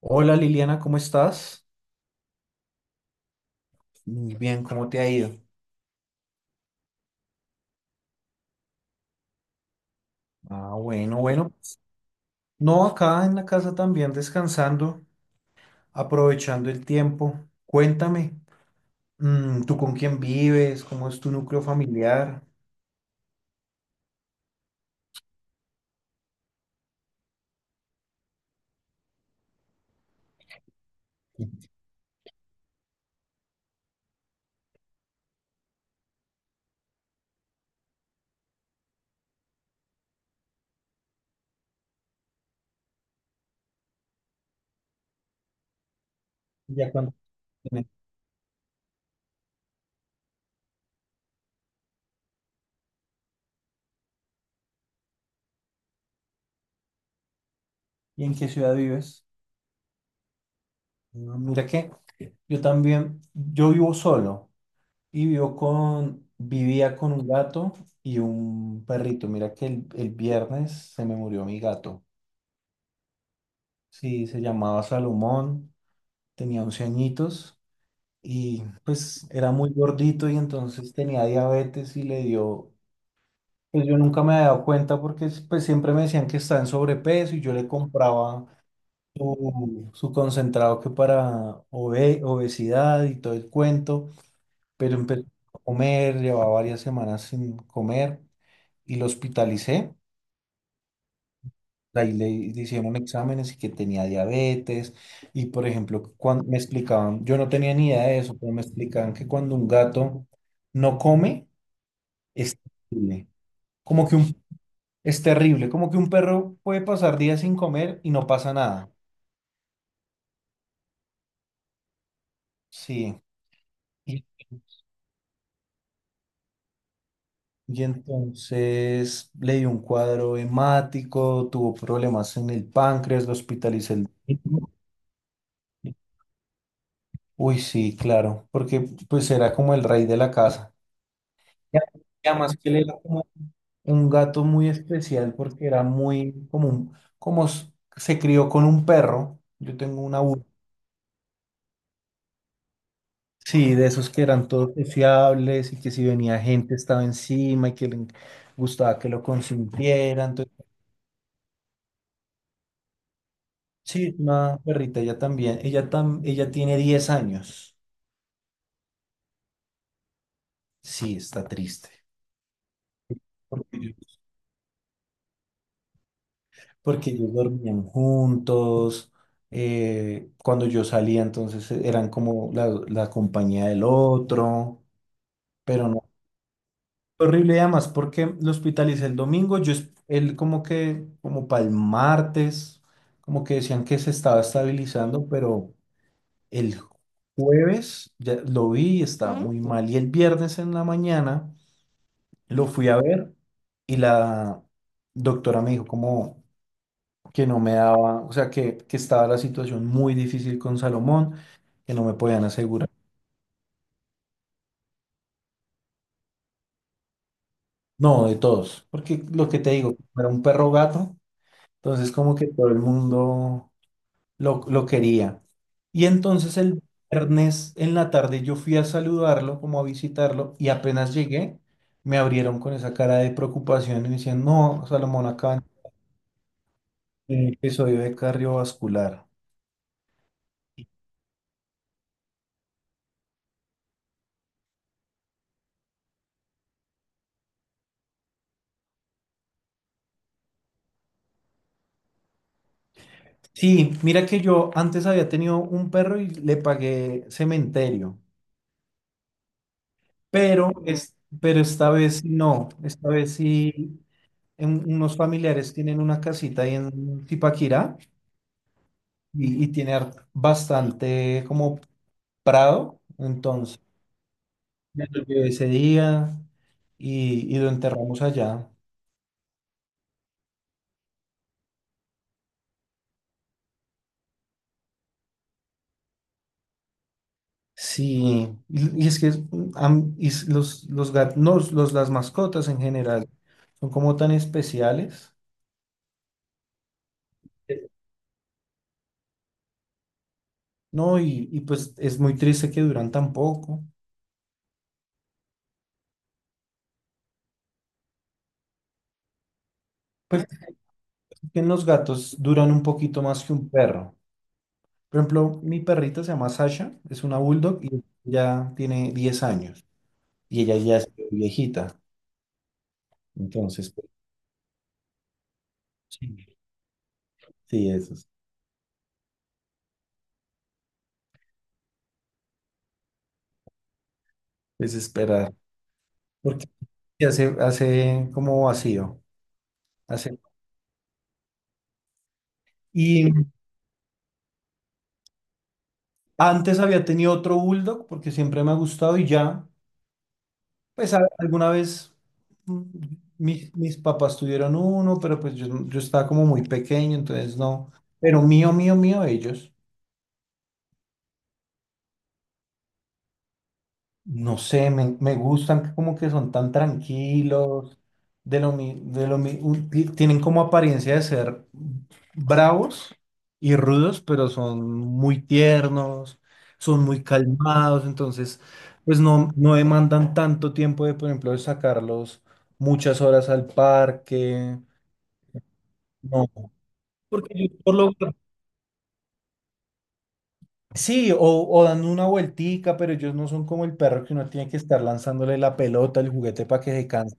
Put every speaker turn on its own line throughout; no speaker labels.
Hola Liliana, ¿cómo estás? Muy bien, ¿cómo te ha ido? Ah, bueno, bueno. No, acá en la casa también descansando, aprovechando el tiempo. Cuéntame, ¿tú con quién vives? ¿Cómo es tu núcleo familiar? ¿Ya cuánto tienes? ¿Y en qué ciudad vives? Ah, mira que yo también, yo vivo solo y vivía con un gato y un perrito. Mira que el viernes se me murió mi gato. Sí, se llamaba Salomón. Tenía 11 añitos y pues era muy gordito y entonces tenía diabetes y le dio, pues yo nunca me había dado cuenta porque pues siempre me decían que estaba en sobrepeso y yo le compraba su concentrado que para obesidad y todo el cuento, pero empezó a comer, llevaba varias semanas sin comer y lo hospitalicé. Ahí le hicieron exámenes y que tenía diabetes. Y por ejemplo, cuando me explicaban, yo no tenía ni idea de eso, pero me explicaban que cuando un gato no come, es terrible. Como que un, es terrible, como que un perro puede pasar días sin comer y no pasa nada. Sí. Y, y entonces le dio un cuadro hemático, tuvo problemas en el páncreas, lo hospitalicé el domingo. Uy, sí, claro, porque pues era como el rey de la casa. Ya, y además que él era como un gato muy especial porque era muy común. Como se crió con un perro, yo tengo una burra. Sí, de esos que eran todos sociables y que si venía gente estaba encima y que le gustaba que lo consintieran. Entonces, sí, es una perrita, ella también. Ella tiene 10 años. Sí, está triste. Porque, porque ellos dormían juntos. Cuando yo salía, entonces eran como la compañía del otro, pero no. Horrible, y además, porque lo hospitalicé el domingo, él como que, como para el martes, como que decían que se estaba estabilizando, pero el jueves ya lo vi y estaba Ujú. Muy mal. Y el viernes en la mañana lo fui a ver y la doctora me dijo como que no me daba, o sea, que estaba la situación muy difícil con Salomón, que no me podían asegurar. No, de todos, porque lo que te digo, era un perro gato, entonces como que todo el mundo lo quería. Y entonces el viernes en la tarde yo fui a saludarlo, como a visitarlo, y apenas llegué, me abrieron con esa cara de preocupación y me decían, no, Salomón, acá en un episodio de cardiovascular. Sí, mira que yo antes había tenido un perro y le pagué cementerio, pero esta vez no, esta vez sí, unos familiares tienen una casita ahí en Tipaquirá y, tiene bastante como prado, entonces me lo llevé ese día y lo enterramos allá. Sí, y es que es- am- y s- los, gat- no, los, las mascotas en general son como tan especiales, ¿no? Y pues es muy triste que duran tan poco. Pues es que los gatos duran un poquito más que un perro. Por ejemplo, mi perrita se llama Sasha, es una bulldog y ya tiene 10 años y ella ya es viejita. Entonces, pues, sí, sí, eso. Desesperar. Porque hace como vacío. Hace. Y antes había tenido otro bulldog porque siempre me ha gustado y ya, pues alguna vez mm, mis papás tuvieron uno, pero pues yo estaba como muy pequeño, entonces no. Pero mío, mío, mío, ellos. No sé, me gustan como que son tan tranquilos, de lo mi- un- ti- tienen como apariencia de ser bravos y rudos, pero son muy tiernos, son muy calmados, entonces pues no demandan tanto tiempo de, por ejemplo, de sacarlos muchas horas al parque, no, porque ellos sí, o dando una vueltica, pero ellos no son como el perro que uno tiene que estar lanzándole la pelota, el juguete para que se canse.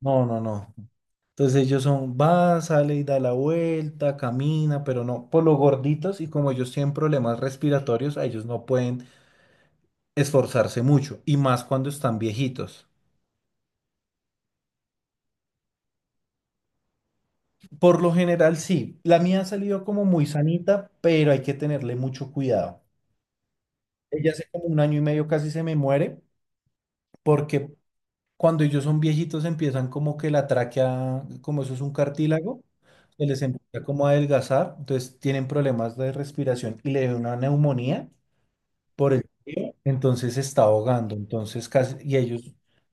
No, no, no. Entonces ellos son, va, sale y da la vuelta, camina, pero no, por lo gorditos y como ellos tienen problemas respiratorios, a ellos no pueden esforzarse mucho, y más cuando están viejitos. Por lo general, sí. La mía ha salido como muy sanita, pero hay que tenerle mucho cuidado. Ella hace como un año y medio casi se me muere porque cuando ellos son viejitos empiezan como que la tráquea, como eso es un cartílago, se les empieza como a adelgazar, entonces tienen problemas de respiración y le da una neumonía por el- entonces se está ahogando, entonces casi, y ellos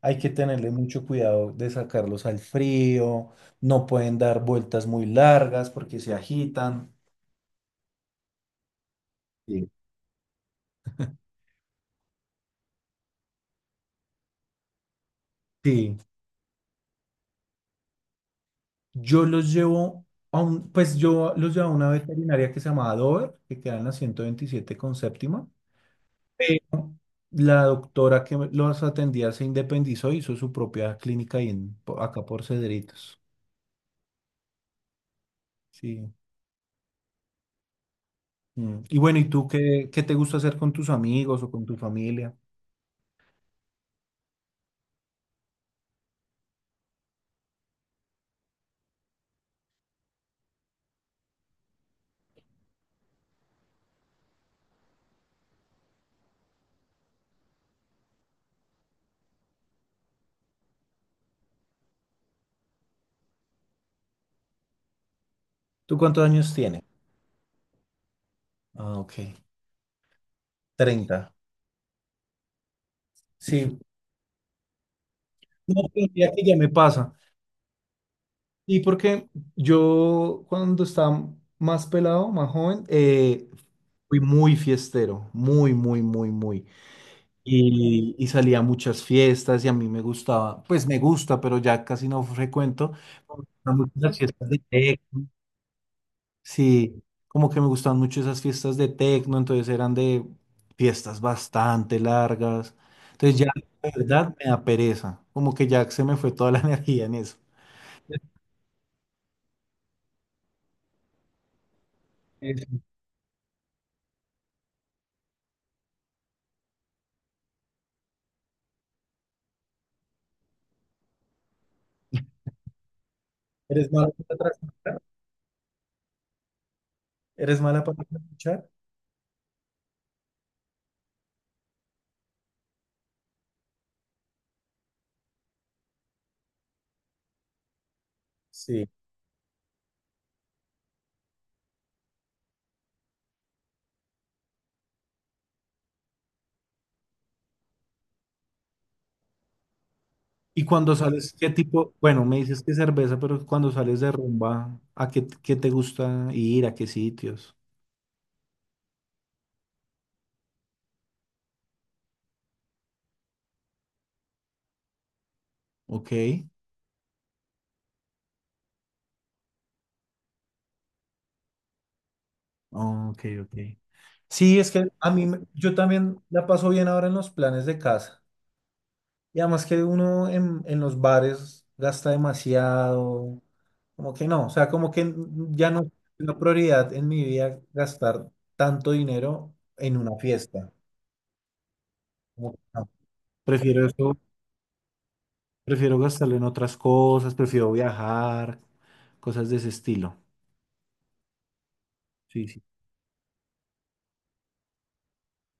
hay que tenerle mucho cuidado de sacarlos al frío, no pueden dar vueltas muy largas porque se agitan. Sí. Sí, yo los llevo a una veterinaria que se llamaba Dover, que queda en la 127 con séptima. Pero la doctora que los atendía se independizó, hizo su propia clínica ahí acá por Cedritos. Sí. Mm. Y bueno, ¿y tú qué, te gusta hacer con tus amigos o con tu familia? ¿Tú cuántos años tienes? Ah, ok. 30. Sí. No, pero mira que ya me pasa. Y porque yo cuando estaba más pelado, más joven, fui muy fiestero, muy, muy, muy, muy. Y salía a muchas fiestas y a mí me gustaba, pues me gusta, pero ya casi no frecuento. Me gustan mucho las fiestas de tecno. Sí, como que me gustaban mucho esas fiestas de tecno, entonces eran de fiestas bastante largas. Entonces ya, la verdad, me da pereza. Como que ya se me fue toda la energía en eso. Eso. ¿Eres mala para trasnochar? ¿Eres mala para trasnochar? Sí. Y cuando sales, ¿qué tipo? Bueno, me dices que cerveza, pero cuando sales de rumba, ¿a qué te gusta ir? ¿A qué sitios? Ok, oh, ok, ok. Sí, es que a yo también la paso bien ahora en los planes de casa. Y además que uno en los bares gasta demasiado, como que no, o sea, como que ya no es una prioridad en mi vida gastar tanto dinero en una fiesta. Como que no. Prefiero eso Prefiero gastarlo en otras cosas, prefiero viajar, cosas de ese estilo. Sí, sí.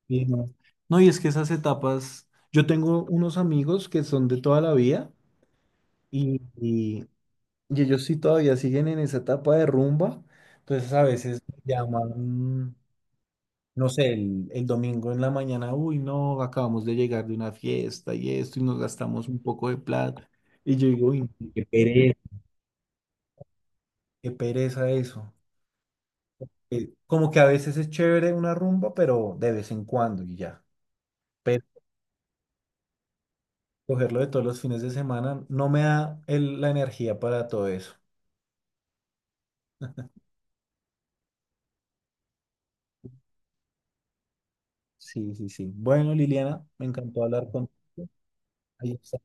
Y no. No, y es que esas etapas, yo tengo unos amigos que son de toda la vida y, y- y ellos sí todavía siguen en esa etapa de rumba, entonces a veces me llaman, no sé, el domingo en la mañana, uy, no, acabamos de llegar de una fiesta y esto y nos gastamos un poco de plata. Y yo digo, uy, qué pereza, qué pereza eso. Como que a veces es chévere una rumba, pero de vez en cuando y ya. Pero cogerlo de todos los fines de semana no me da la energía para todo eso. Sí, sí, sí. Bueno, Liliana, me encantó hablar contigo. Ahí está.